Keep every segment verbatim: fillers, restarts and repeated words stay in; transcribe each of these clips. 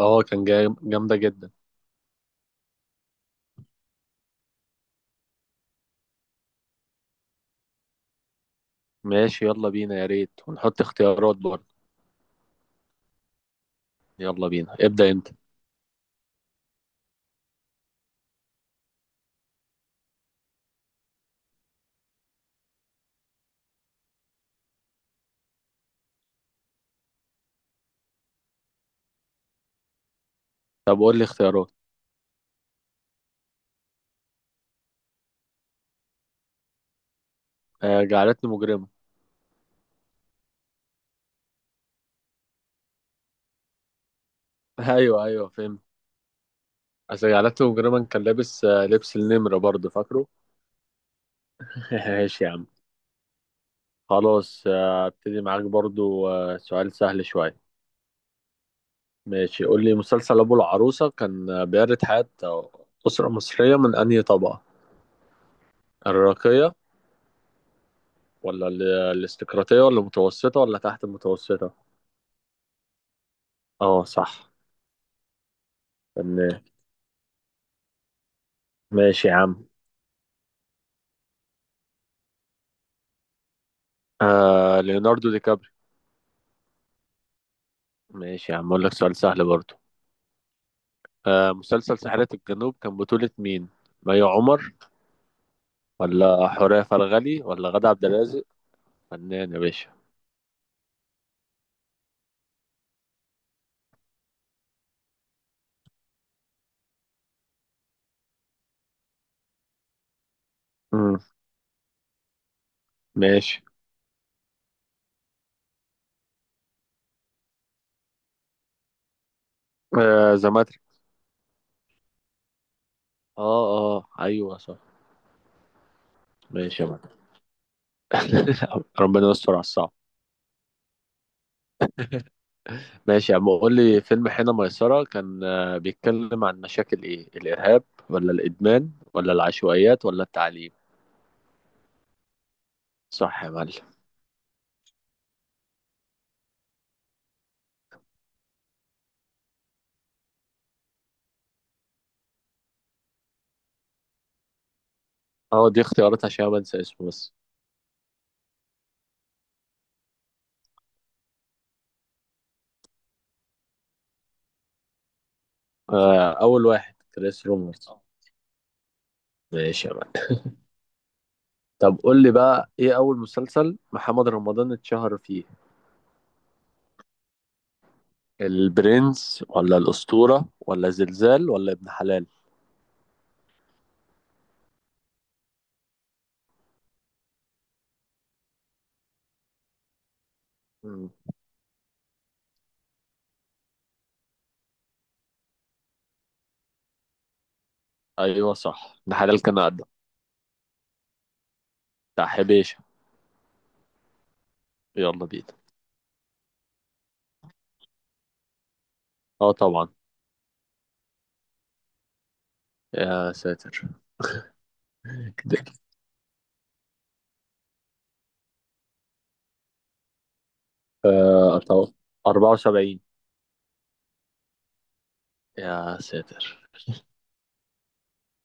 اه كان جاي جامدة جدا. ماشي، يلا بينا، يا ريت ونحط اختيارات برضه. يلا بينا، ابدأ انت. طب قول لي اختيارات. آه، جعلتني مجرما. ايوه ايوه، فهمت. اصل جعلتني مجرما كان لابس، آه لبس النمرة برضه، فاكره؟ ماشي يا عم. خلاص. آه، ابتدي معاك برضه. آه سؤال سهل شوية. ماشي، قول لي مسلسل ابو العروسة كان آه، بيعرض حياة آه، أسرة مصرية من أنهي طبقة؟ الراقية ولا ال- الاستقراطية ولا المتوسطة ولا تحت المتوسطة؟ اه صح. فنان. ماشي يا عم. آه، ليوناردو دي كابري. ماشي يا عم، اقول لك سؤال سهل برضو. آه مسلسل ساحرة الجنوب كان بطولة مين؟ مي عمر ولا حورية فرغلي ولا غادة عبد الرازق؟ فنان يا باشا. مم. ماشي. آه، زماتري. اه. اه ايوه صح. ماشي يا مان. ربنا يستر على الصعب. ماشي يا عم، قول لي فيلم حين ميسرة كان آه، بيتكلم عن مشاكل ايه؟ الارهاب ولا الادمان ولا العشوائيات ولا التعليم؟ صح يا معلم. اه، دي اختيارات عشان ما انسى اسمه بس. آه، أول واحد كريس رومرز. ماشي يا معلم. طب قول لي بقى، إيه أول مسلسل محمد رمضان اتشهر فيه؟ البرنس ولا الأسطورة ولا زلزال ولا ابن حلال؟ مم. أيوه صح، ابن حلال كان أقدم. بتاع حبيشة. يلا بينا. أه طبعا. يا ساتر كده. آه، أتوقع أربعة وسبعين. يا ساتر.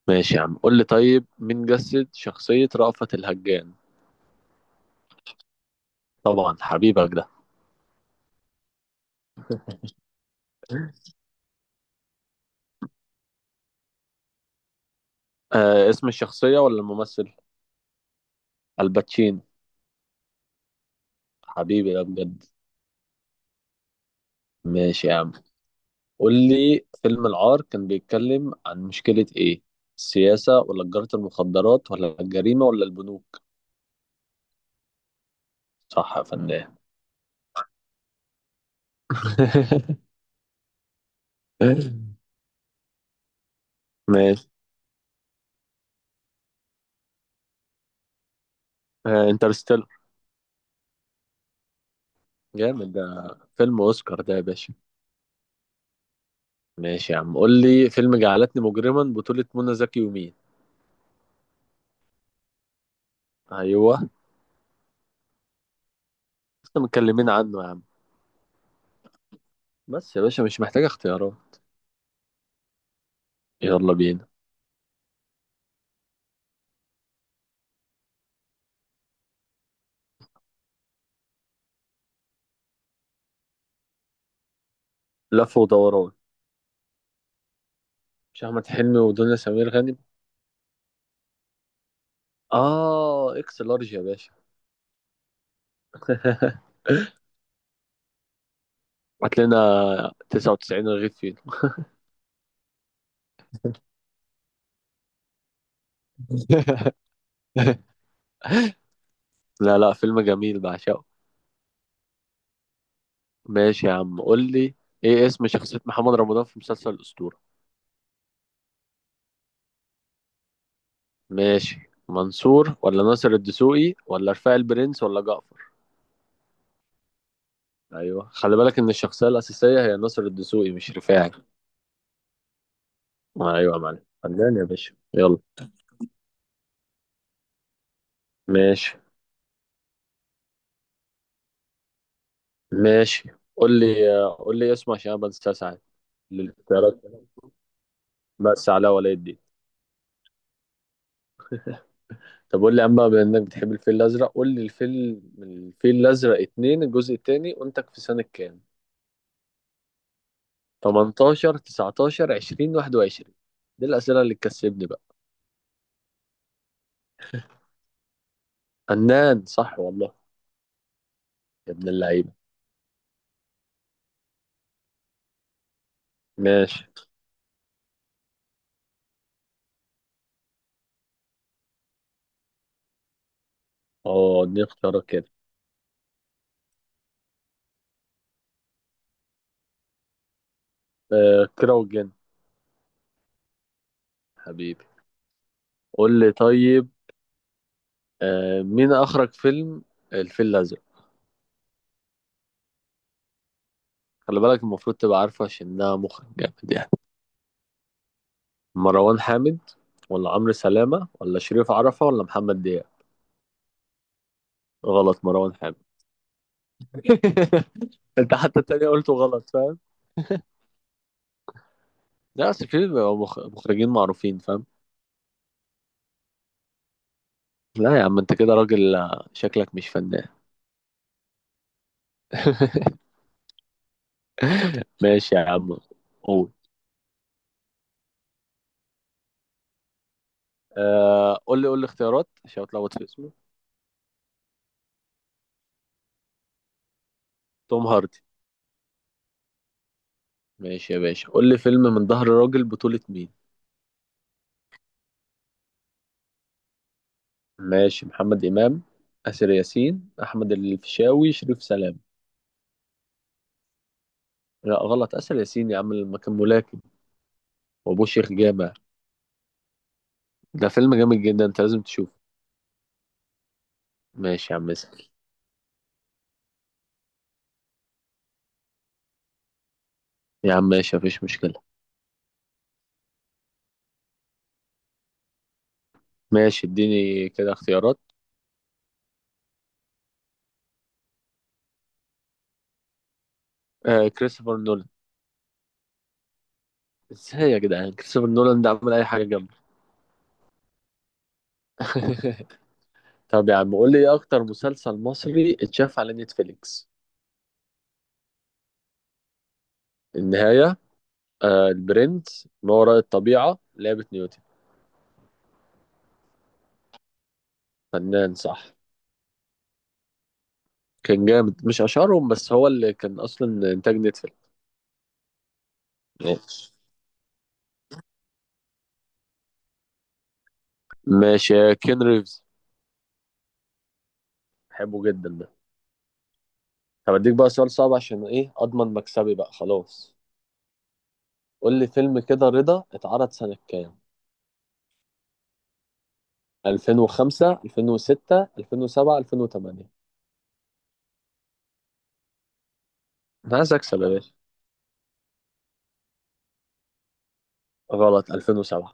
ماشي يا عم، قول لي طيب، مين جسد شخصية رأفت الهجان؟ طبعا حبيبك ده. آه، اسم الشخصية ولا الممثل؟ الباتشينو. حبيبي ده بجد. ماشي يا عم، قول لي فيلم العار كان بيتكلم عن مشكلة ايه؟ السياسة ولا تجارة المخدرات ولا الجريمة ولا البنوك؟ صح يا فنان. ماشي. انترستيلر. جامد ده، فيلم اوسكار ده يا باشا. ماشي يا عم، قول لي فيلم جعلتني مجرما بطولة منى زكي ومين؟ ايوه. احنا متكلمين عنه يا عم. بس يا باشا مش محتاج اختيارات. يلا بينا. لف ودوران. مش احمد حلمي ودنيا سمير غانم؟ اه، اكس لارج يا باشا. هات لنا، تسعة وتسعين رغيف فين؟ لا لا، فيلم جميل بعشقه. ماشي يا عم، قول لي ايه اسم شخصية محمد رمضان في مسلسل الأسطورة؟ ماشي. منصور ولا ناصر الدسوقي ولا رفاعي البرنس ولا جعفر؟ ايوه، خلي بالك ان الشخصية الأساسية هي ناصر الدسوقي مش رفاعي. ايوه يا معلم، فنان يا باشا، يلا. ماشي. ماشي قول لي قول لي اسمه عشان انا بنساه ساعات. للاختيارات، بس علاء ولي الدين. طب قول لي يا عم بقى، بما انك بتحب الفيل الازرق، قول لي الفيل من الفيل الازرق اتنين، الجزء التاني، وانت في سنة كام؟ تمنتاشر تسعتاشر عشرين واحد وعشرين؟ دي الاسئله اللي تكسبني بقى. فنان، صح والله. يا ابن اللعيبه. ماشي. اه، دي اختيارات كده. آه كيرة والجن. حبيبي. قول لي طيب، آه مين اخرج فيلم الفيل الازرق؟ خلي بالك المفروض تبقى عارفه عشان انها مخرج جامد يعني. مروان حامد ولا عمرو سلامه ولا شريف عرفه ولا محمد دياب؟ غلط، مروان حامد. انت حتى التانية قلته غلط، فاهم؟ لا، اصل في بيبقوا مخ- مخرجين معروفين، فاهم. لا يا عم، انت كده راجل، آه، شكلك مش فنان. ماشي يا عم، قول. آه قول لي قول لي اختيارات عشان اتلخبط في اسمه. توم هاردي. ماشي يا باشا، قول لي فيلم من ظهر راجل بطولة مين؟ ماشي. محمد إمام، آسر ياسين، أحمد الفيشاوي، شريف سلام؟ لا غلط، آسر ياسين يا عم، لما كان ملاكم وأبوه شيخ جامع. ده فيلم جامد جدا، أنت لازم تشوفه. ماشي يا عم، اسأل. يا عم ماشي، مفيش مشكلة. ماشي، اديني كده اختيارات. آه كريستوفر نولان. ازاي يا جدعان، كريستوفر نولان ده عمل اي حاجه جامده. طب يا عم، قول لي ايه اكتر مسلسل مصري اتشاف على نتفليكس؟ النهايه، آه البرنس، ما وراء الطبيعه، لعبه نيوتن؟ فنان صح. كان جامد، مش اشهرهم، بس هو اللي كان اصلا انتاج نتفليكس. ماشي. ماشي. كين ريفز. بحبه جدا ده. طب اديك بقى سؤال صعب عشان ايه، اضمن مكسبي بقى، خلاص. قول لي فيلم كده رضا اتعرض سنه كام؟ ألفين وخمسة ألفين وستة ألفين وسبعة ألفين وتمنية؟ انا عايز اكسب يا باشا. غلط، ألفين وسبعة.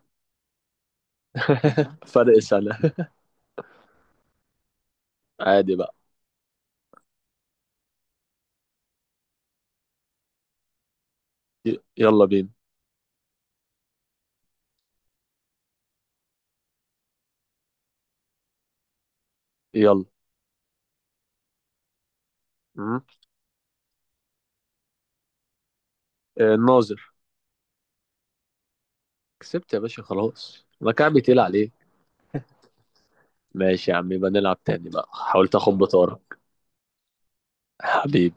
فرق سنة. عادي بقى. ي- يلا بينا. يلا. م? آه، الناظر. كسبت يا باشا خلاص، ما كعبي تقيل عليك. ماشي يا عم، يبقى نلعب تاني بقى، حاولت اخد بطارك. حبيبي.